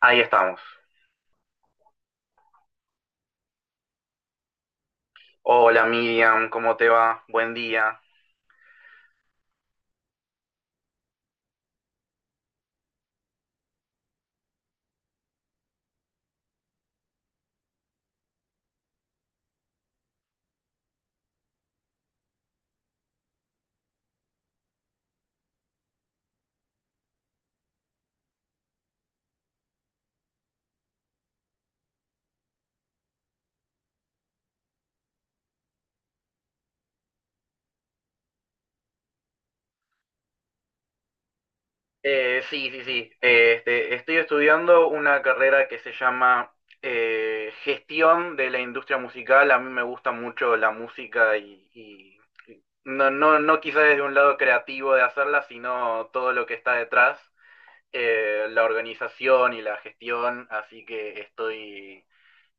Ahí estamos. Hola Miriam, ¿cómo te va? Buen día. Sí, sí. Estoy estudiando una carrera que se llama Gestión de la Industria Musical. A mí me gusta mucho la música y no, no quizá desde un lado creativo de hacerla, sino todo lo que está detrás, la organización y la gestión. Así que estoy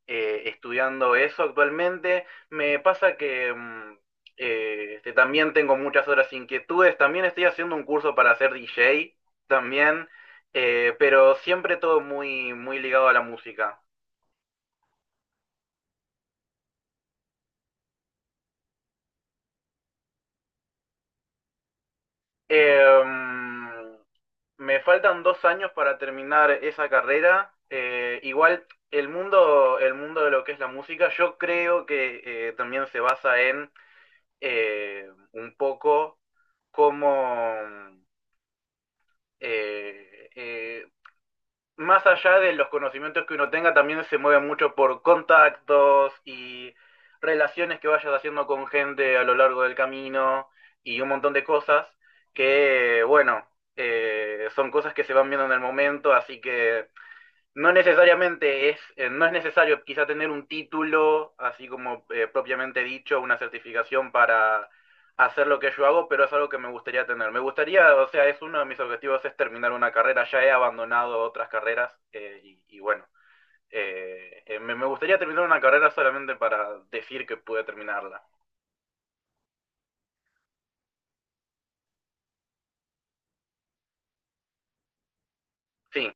estudiando eso actualmente. Me pasa que también tengo muchas otras inquietudes. También estoy haciendo un curso para ser DJ también, pero siempre todo muy, muy ligado a la música. Eh, mm, Me faltan 2 años para terminar esa carrera. Igual el mundo de lo que es la música, yo creo que también se basa en un poco cómo, eh, eh, más allá de los conocimientos que uno tenga, también se mueve mucho por contactos y relaciones que vayas haciendo con gente a lo largo del camino y un montón de cosas que, bueno, son cosas que se van viendo en el momento, así que no necesariamente no es necesario quizá tener un título, así como propiamente dicho, una certificación para hacer lo que yo hago, pero es algo que me gustaría tener. Me gustaría, o sea, es uno de mis objetivos es terminar una carrera. Ya he abandonado otras carreras y bueno, me gustaría terminar una carrera solamente para decir que pude terminarla. Sí,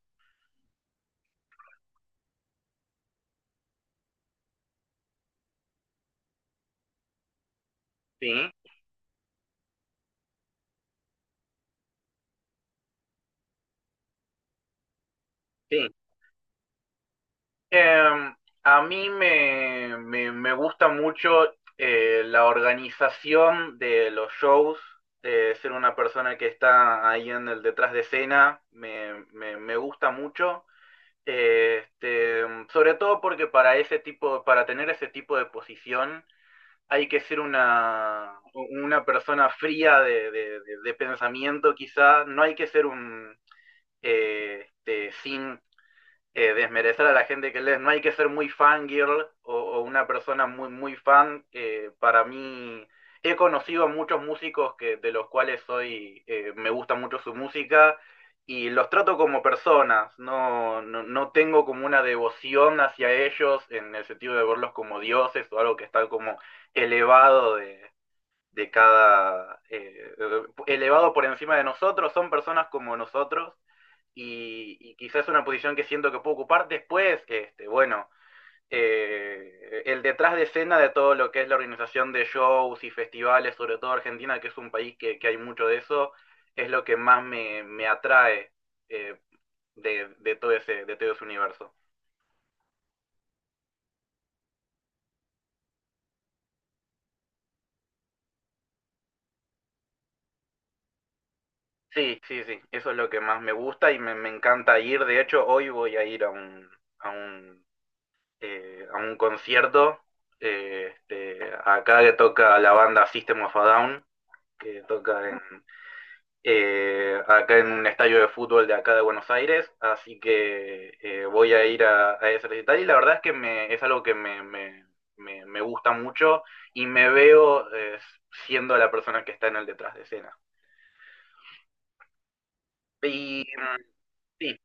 sí, sí. Em, a mí me gusta mucho la organización de los shows, ser una persona que está ahí en el detrás de escena, me gusta mucho. Eh, Este, sobre todo porque para ese tipo, para tener ese tipo de posición hay que ser una persona fría de, de pensamiento, quizá, no hay que ser un sin desmerecer a la gente que lees. No hay que ser muy fangirl o una persona muy, muy fan. Para mí, he conocido a muchos músicos que, de los cuales soy, me gusta mucho su música y los trato como personas. No, no tengo como una devoción hacia ellos en el sentido de verlos como dioses o algo que está como elevado de cada, eh, elevado por encima de nosotros, son personas como nosotros y quizás es una posición que siento que puedo ocupar después, este, bueno, el detrás de escena de todo lo que es la organización de shows y festivales, sobre todo Argentina, que es un país que hay mucho de eso, es lo que más me atrae eh, todo de todo ese universo. Sí, sí, sí, eso es lo que más me gusta y me encanta ir. De hecho, hoy voy a ir a un a un concierto. eh, este, Acá que toca la banda System of a Down, que toca en, acá en un estadio de fútbol de acá de Buenos Aires. Así que voy a ir a ese recital y la verdad es que me, es algo que me gusta mucho y me veo siendo la persona que está en el detrás de escena. Y mm, sí.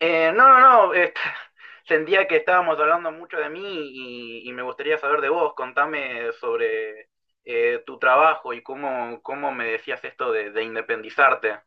No, no. Sentía que estábamos hablando mucho de mí y me gustaría saber de vos. Contame sobre tu trabajo y cómo, cómo me decías esto de independizarte.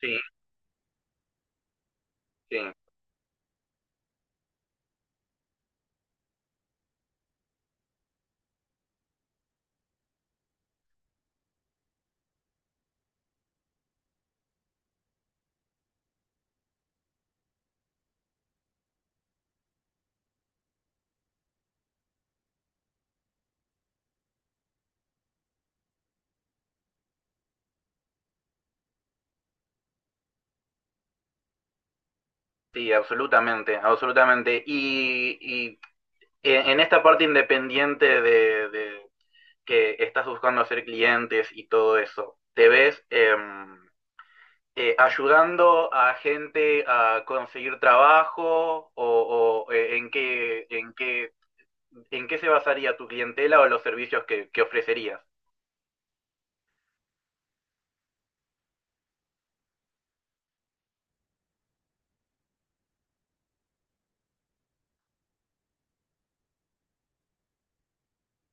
Sí, sí, sí, absolutamente, absolutamente. Y en esta parte independiente de que estás buscando hacer clientes y todo eso, ¿te ves? Ayudando a gente a conseguir trabajo o, en qué, en qué, en qué se basaría tu clientela o los servicios que ofrecerías.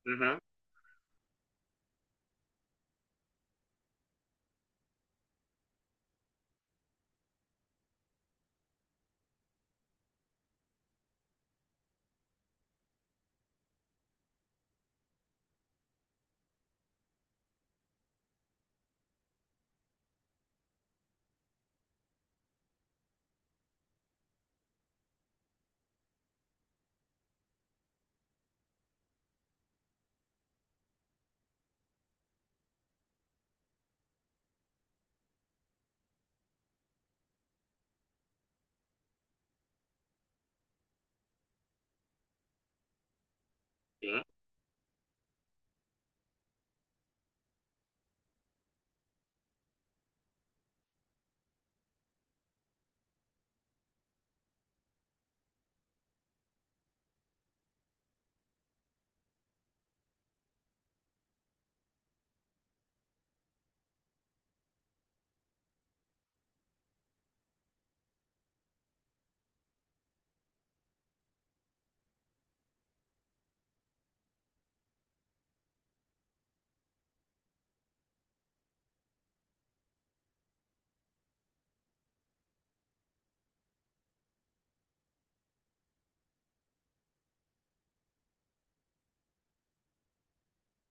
Ujú. Sí,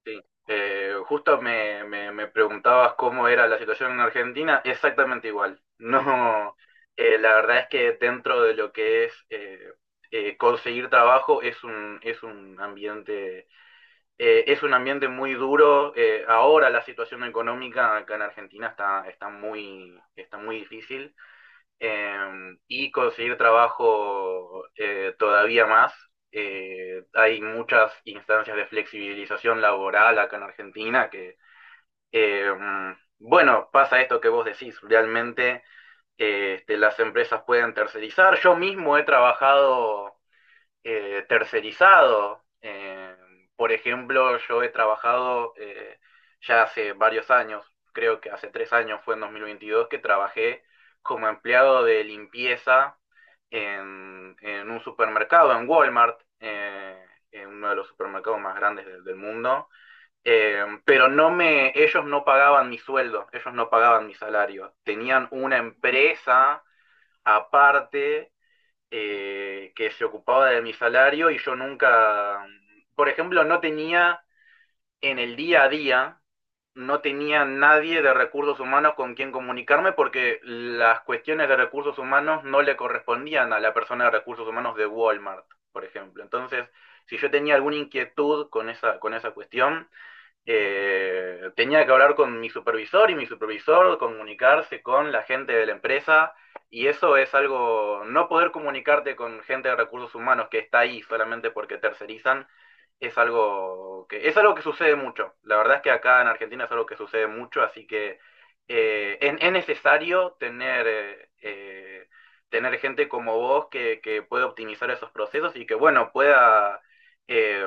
sí. Me preguntabas cómo era la situación en Argentina, exactamente igual. No, la verdad es que dentro de lo que es conseguir trabajo es un, es un ambiente muy duro. Ahora la situación económica acá en Argentina está, está muy difícil y conseguir trabajo todavía más. Hay muchas instancias de flexibilización laboral acá en Argentina que, eh, bueno, pasa esto que vos decís, realmente las empresas pueden tercerizar. Yo mismo he trabajado tercerizado. Por ejemplo, yo he trabajado ya hace varios años, creo que hace 3 años fue en 2022 que trabajé como empleado de limpieza en un supermercado, en Walmart, en uno de los supermercados más grandes del mundo. Ellos no pagaban mi sueldo, ellos no pagaban mi salario. Tenían una empresa aparte que se ocupaba de mi salario y yo nunca, por ejemplo, no tenía en el día a día, no tenía nadie de recursos humanos con quien comunicarme porque las cuestiones de recursos humanos no le correspondían a la persona de recursos humanos de Walmart, por ejemplo. Entonces, si yo tenía alguna inquietud con esa cuestión, tenía que hablar con mi supervisor y mi supervisor comunicarse con la gente de la empresa y eso es algo, no poder comunicarte con gente de recursos humanos que está ahí solamente porque tercerizan, es algo que sucede mucho. La verdad es que acá en Argentina es algo que sucede mucho, así que es necesario tener, tener gente como vos que pueda optimizar esos procesos y que, bueno, pueda... Eh,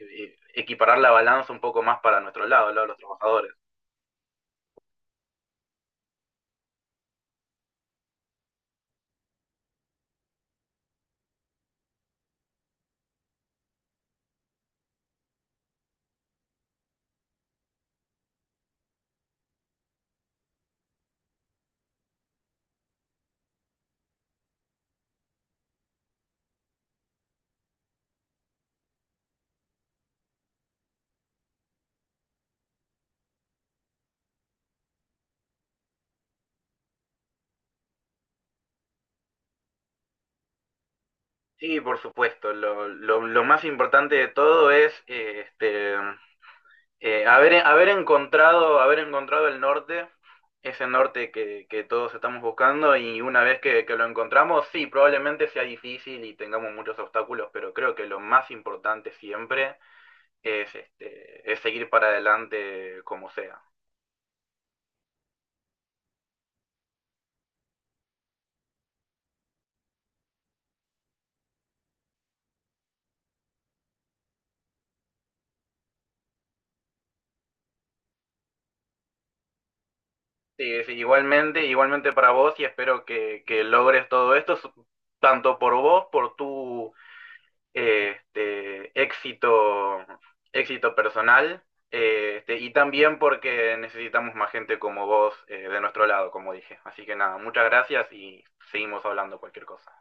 Equiparar la balanza un poco más para nuestro lado, el lado de los trabajadores. Sí, por supuesto. Lo más importante de todo es haber encontrado el norte, ese norte que todos estamos buscando y una vez que, lo encontramos, sí, probablemente sea difícil y tengamos muchos obstáculos, pero creo que lo más importante siempre es seguir para adelante como sea. Sí, sí, igualmente, igualmente para vos y espero que logres todo esto, su- tanto por vos, por tu eh, este, éxito, éxito personal, y también porque necesitamos más gente como vos de nuestro lado, como dije. Así que nada, muchas gracias y seguimos hablando cualquier cosa.